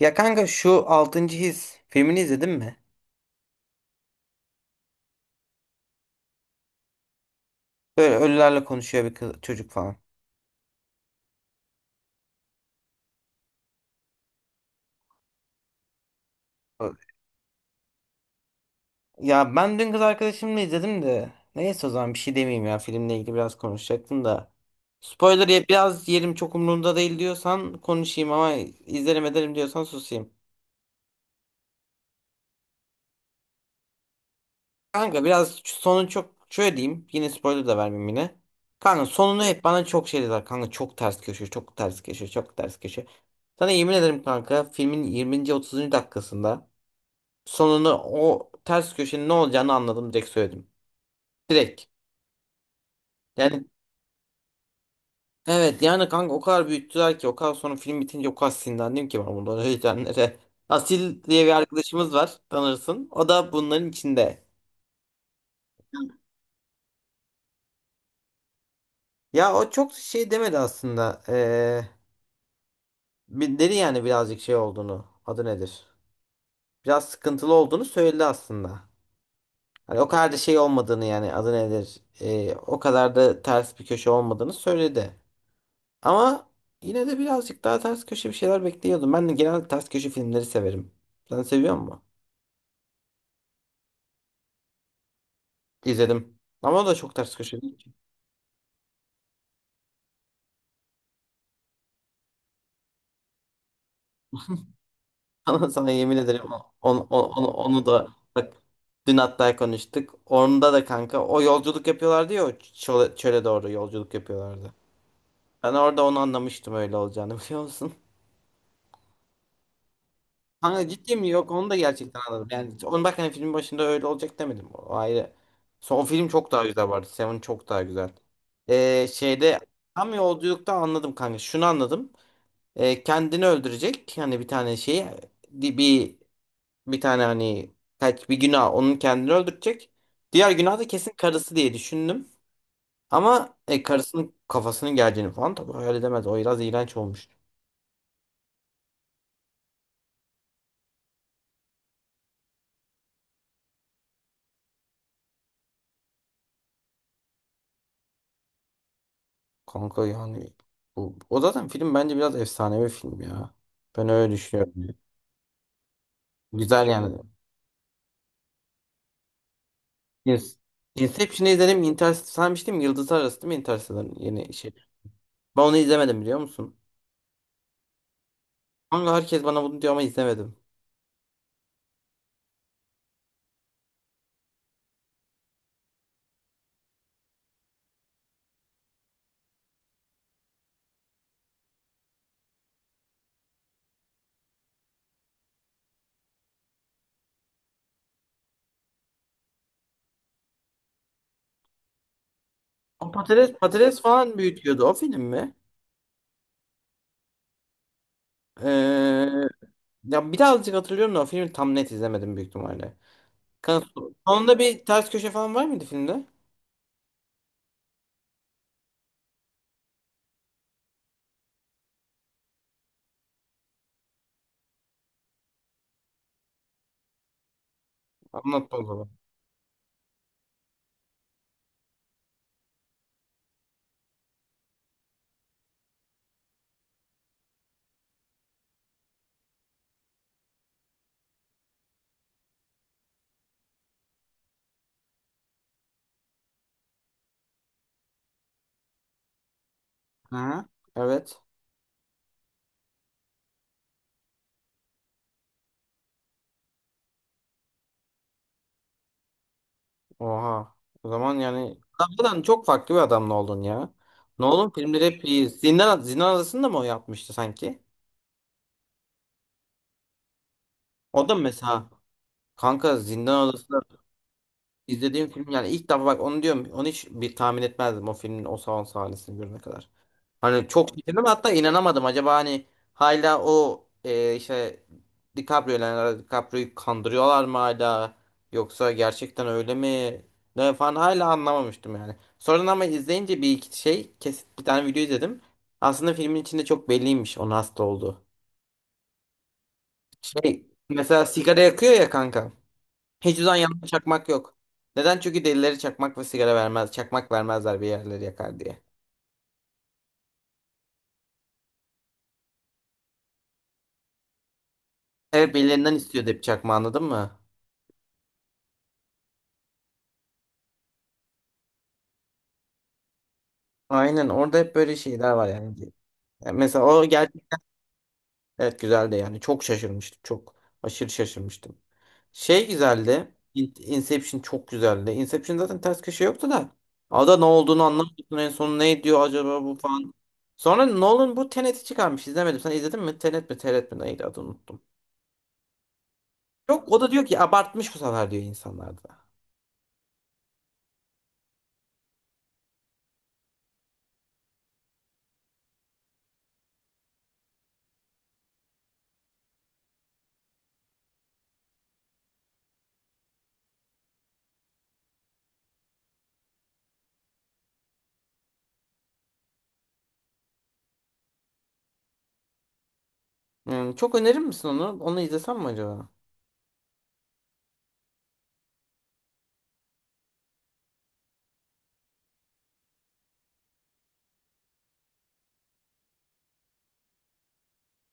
Ya kanka şu altıncı His filmini izledin mi? Böyle ölülerle konuşuyor bir kız, çocuk falan. Ya ben dün kız arkadaşımla izledim de. Neyse o zaman bir şey demeyeyim ya filmle ilgili biraz konuşacaktım da. Spoiler biraz yerim çok umurumda değil diyorsan konuşayım ama izlerim ederim diyorsan susayım. Kanka biraz sonu çok şöyle diyeyim yine spoiler da vermeyeyim yine. Kanka sonunu hep bana çok şey dediler kanka çok ters köşe çok ters köşe çok ters köşe. Sana yemin ederim kanka filmin 20. 30. dakikasında. Sonunu o ters köşenin ne olacağını anladım direkt söyledim. Direkt. Yani evet yani kanka o kadar büyüttüler ki o kadar sonra film bitince o kadar sinirlendim ki ben bundan heyecanlara. Asil diye bir arkadaşımız var tanırsın. O da bunların içinde. Ya o çok şey demedi aslında. Dedi yani birazcık şey olduğunu. Adı nedir? Biraz sıkıntılı olduğunu söyledi aslında. Hani o kadar da şey olmadığını yani adı nedir? O kadar da ters bir köşe olmadığını söyledi. Ama yine de birazcık daha ters köşe bir şeyler bekliyordum. Ben de genel ters köşe filmleri severim. Sen seviyor musun? İzledim. Ama o da çok ters köşe değil ki. Sana yemin ederim onu da bak dün hatta konuştuk. Onda da kanka o yolculuk yapıyorlardı ya o çöle doğru yolculuk yapıyorlardı. Ben orada onu anlamıştım öyle olacağını biliyor musun? Kanka ciddi mi? Yok onu da gerçekten anladım. Yani onu bak hani filmin başında öyle olacak demedim. O ayrı. Son film çok daha güzel vardı. Seven çok daha güzel. Şeyde tam yolculukta anladım kanka. Şunu anladım. Kendini öldürecek. Yani bir tane şey di- bir bir tane hani kaç bir günah onun kendini öldürecek. Diğer günah da kesin karısı diye düşündüm. Ama karısının kafasının geleceğini falan tabii hayal edemez. O biraz iğrenç olmuş. Kanka yani o zaten film bence biraz efsanevi film ya. Ben öyle düşünüyorum. Güzel yani. Yes. Inception'ı izledim. Interstellar sanmıştım. Yıldızlar Arası değil mi Interstellar yeni şey. Ben onu izlemedim biliyor musun? Kanka herkes bana bunu diyor ama izlemedim. Ama Patates falan büyütüyordu. O film mi? Ee, ya birazcık hatırlıyorum da o filmi tam net izlemedim büyük ihtimalle. Kanka, sonunda bir ters köşe falan var mıydı filmde? Anlat o zaman. Hı. Evet. Oha. O zaman yani Adamdan çok farklı bir adamla oldun ya. Nolan filmleri hep iyi. Zindan Adası'nda mı o yapmıştı sanki? O da mesela kanka Zindan Adası'nda izlediğim film yani ilk defa bak onu diyorum. Onu hiç bir tahmin etmezdim o filmin o salon sahnesini görene kadar. Hani çok şaşırdım hatta inanamadım. Acaba hani hala o işte Leonardo DiCaprio'yu kandırıyorlar mı hala? Yoksa gerçekten öyle mi? Ne falan hala anlamamıştım yani. Sonradan ama izleyince bir iki şey kesit bir tane video izledim. Aslında filmin içinde çok belliymiş onun hasta olduğu. Şey mesela sigara yakıyor ya kanka. Hiç uzan yanında çakmak yok. Neden? Çünkü delileri çakmak ve sigara vermez. Çakmak vermezler bir yerleri yakar diye. Evet birilerinden istiyordu hep çakma anladın mı? Aynen orada hep böyle şeyler var yani. Yani mesela o gerçek evet güzeldi yani. Çok şaşırmıştım. Çok aşırı şaşırmıştım. Şey güzeldi. Inception çok güzeldi. Inception zaten ters köşe yoktu da. Ada ne olduğunu anlamıyorsun en son ne diyor acaba bu falan. Sonra Nolan bu Tenet'i çıkarmış. İzlemedim. Sen izledin mi? Tenet mi? Tenet mi? Neydi adı unuttum. Çok o da diyor ki abartmış bu sefer diyor insanlar da. Hmm, çok önerir misin onu? Onu izlesem mi acaba?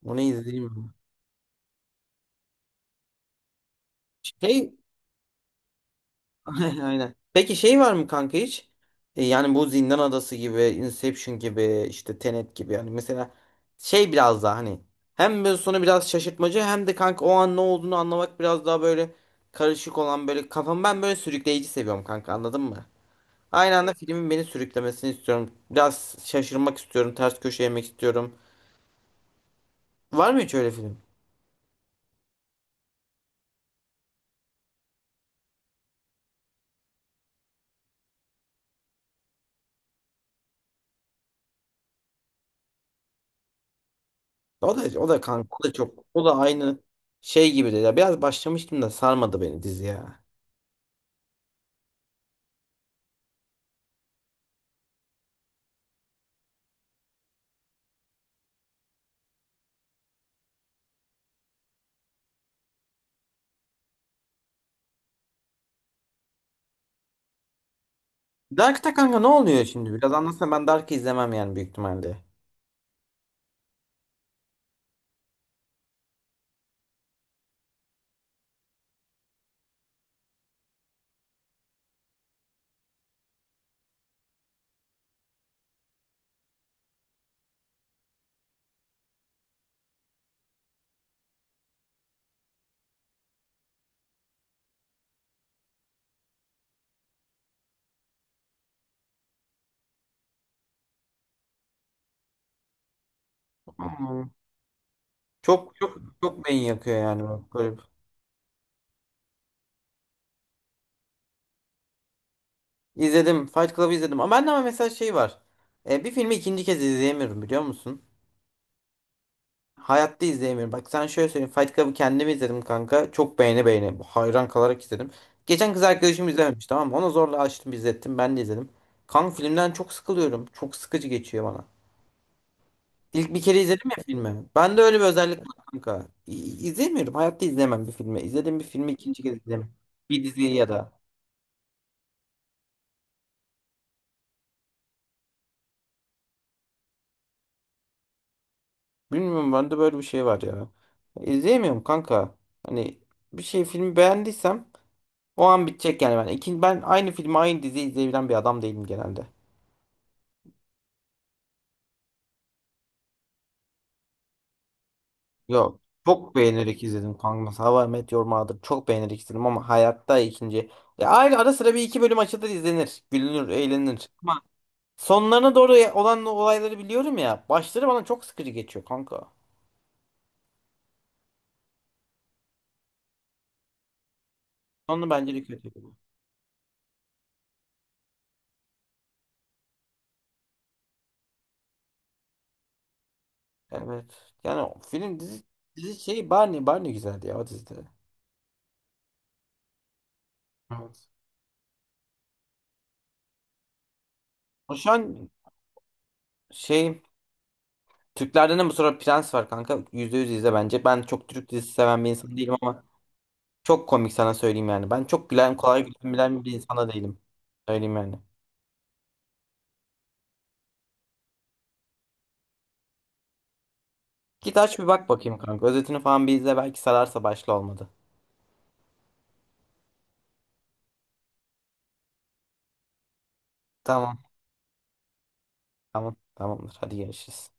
Onu izleyeyim mi? Şey aynen. Peki şey var mı kanka hiç? Yani bu Zindan Adası gibi, Inception gibi, işte Tenet gibi yani mesela şey biraz daha hani hem böyle sonu biraz şaşırtmacı hem de kanka o an ne olduğunu anlamak biraz daha böyle karışık olan böyle kafam ben böyle sürükleyici seviyorum kanka anladın mı? Aynı anda filmin beni sürüklemesini istiyorum. Biraz şaşırmak istiyorum, ters köşe yemek istiyorum. Var mı hiç öyle film? O da o da kanka o da çok o da aynı şey gibi de ya biraz başlamıştım da sarmadı beni dizi ya. Dark'ta kanka ne oluyor şimdi? Biraz anlatsana ben Dark'ı izlemem yani büyük ihtimalle. Hmm. Çok çok çok beyin yakıyor yani. Böyle. İzledim. Fight Club'ı izledim. Ama bende ama mesela şey var. Bir filmi ikinci kez izleyemiyorum biliyor musun? Hayatta izleyemiyorum. Bak sen şöyle söyleyeyim. Fight Club'ı kendim izledim kanka. Çok beğene beğene. Hayran kalarak izledim. Geçen kız arkadaşım izlememiş tamam mı? Ona zorla açtım izlettim. Ben de izledim. Kanka filmden çok sıkılıyorum. Çok sıkıcı geçiyor bana. İlk bir kere izledim ya filmi. Ben de öyle bir özellik var kanka. İzlemiyorum. Hayatta izlemem bir filmi. İzlediğim bir filmi ikinci kez izlemem. Bir diziyi ya da. Bilmiyorum bende böyle bir şey var ya. İzleyemiyorum kanka. Hani bir şey filmi beğendiysem o an bitecek yani ben. Ben aynı filmi aynı diziyi izleyebilen bir adam değilim genelde. Yok. Çok beğenerek izledim kanka. Mesela How I Met Your Mother çok beğenerek izledim ama hayatta ikinci. Ya aynı ara sıra bir iki bölüm açılır izlenir. Gülünür, eğlenir. Sonlarına doğru olan olayları biliyorum ya. Başları bana çok sıkıcı geçiyor kanka. Sonu bence de kötü. Evet. Yani o film dizi, şey Barney Barney güzeldi ya o dizide. Evet. O şu an şey Türklerden de bu sıra Prens var kanka. %100 izle bence. Ben çok Türk dizisi seven bir insan değilim ama çok komik sana söyleyeyim yani. Ben çok gülen kolay gülen bir insana değilim. Söyleyeyim yani. Git aç bir bak bakayım kanka. Özetini falan bir izle belki sararsa başla olmadı. Tamam. Tamam. Tamamdır. Hadi görüşürüz.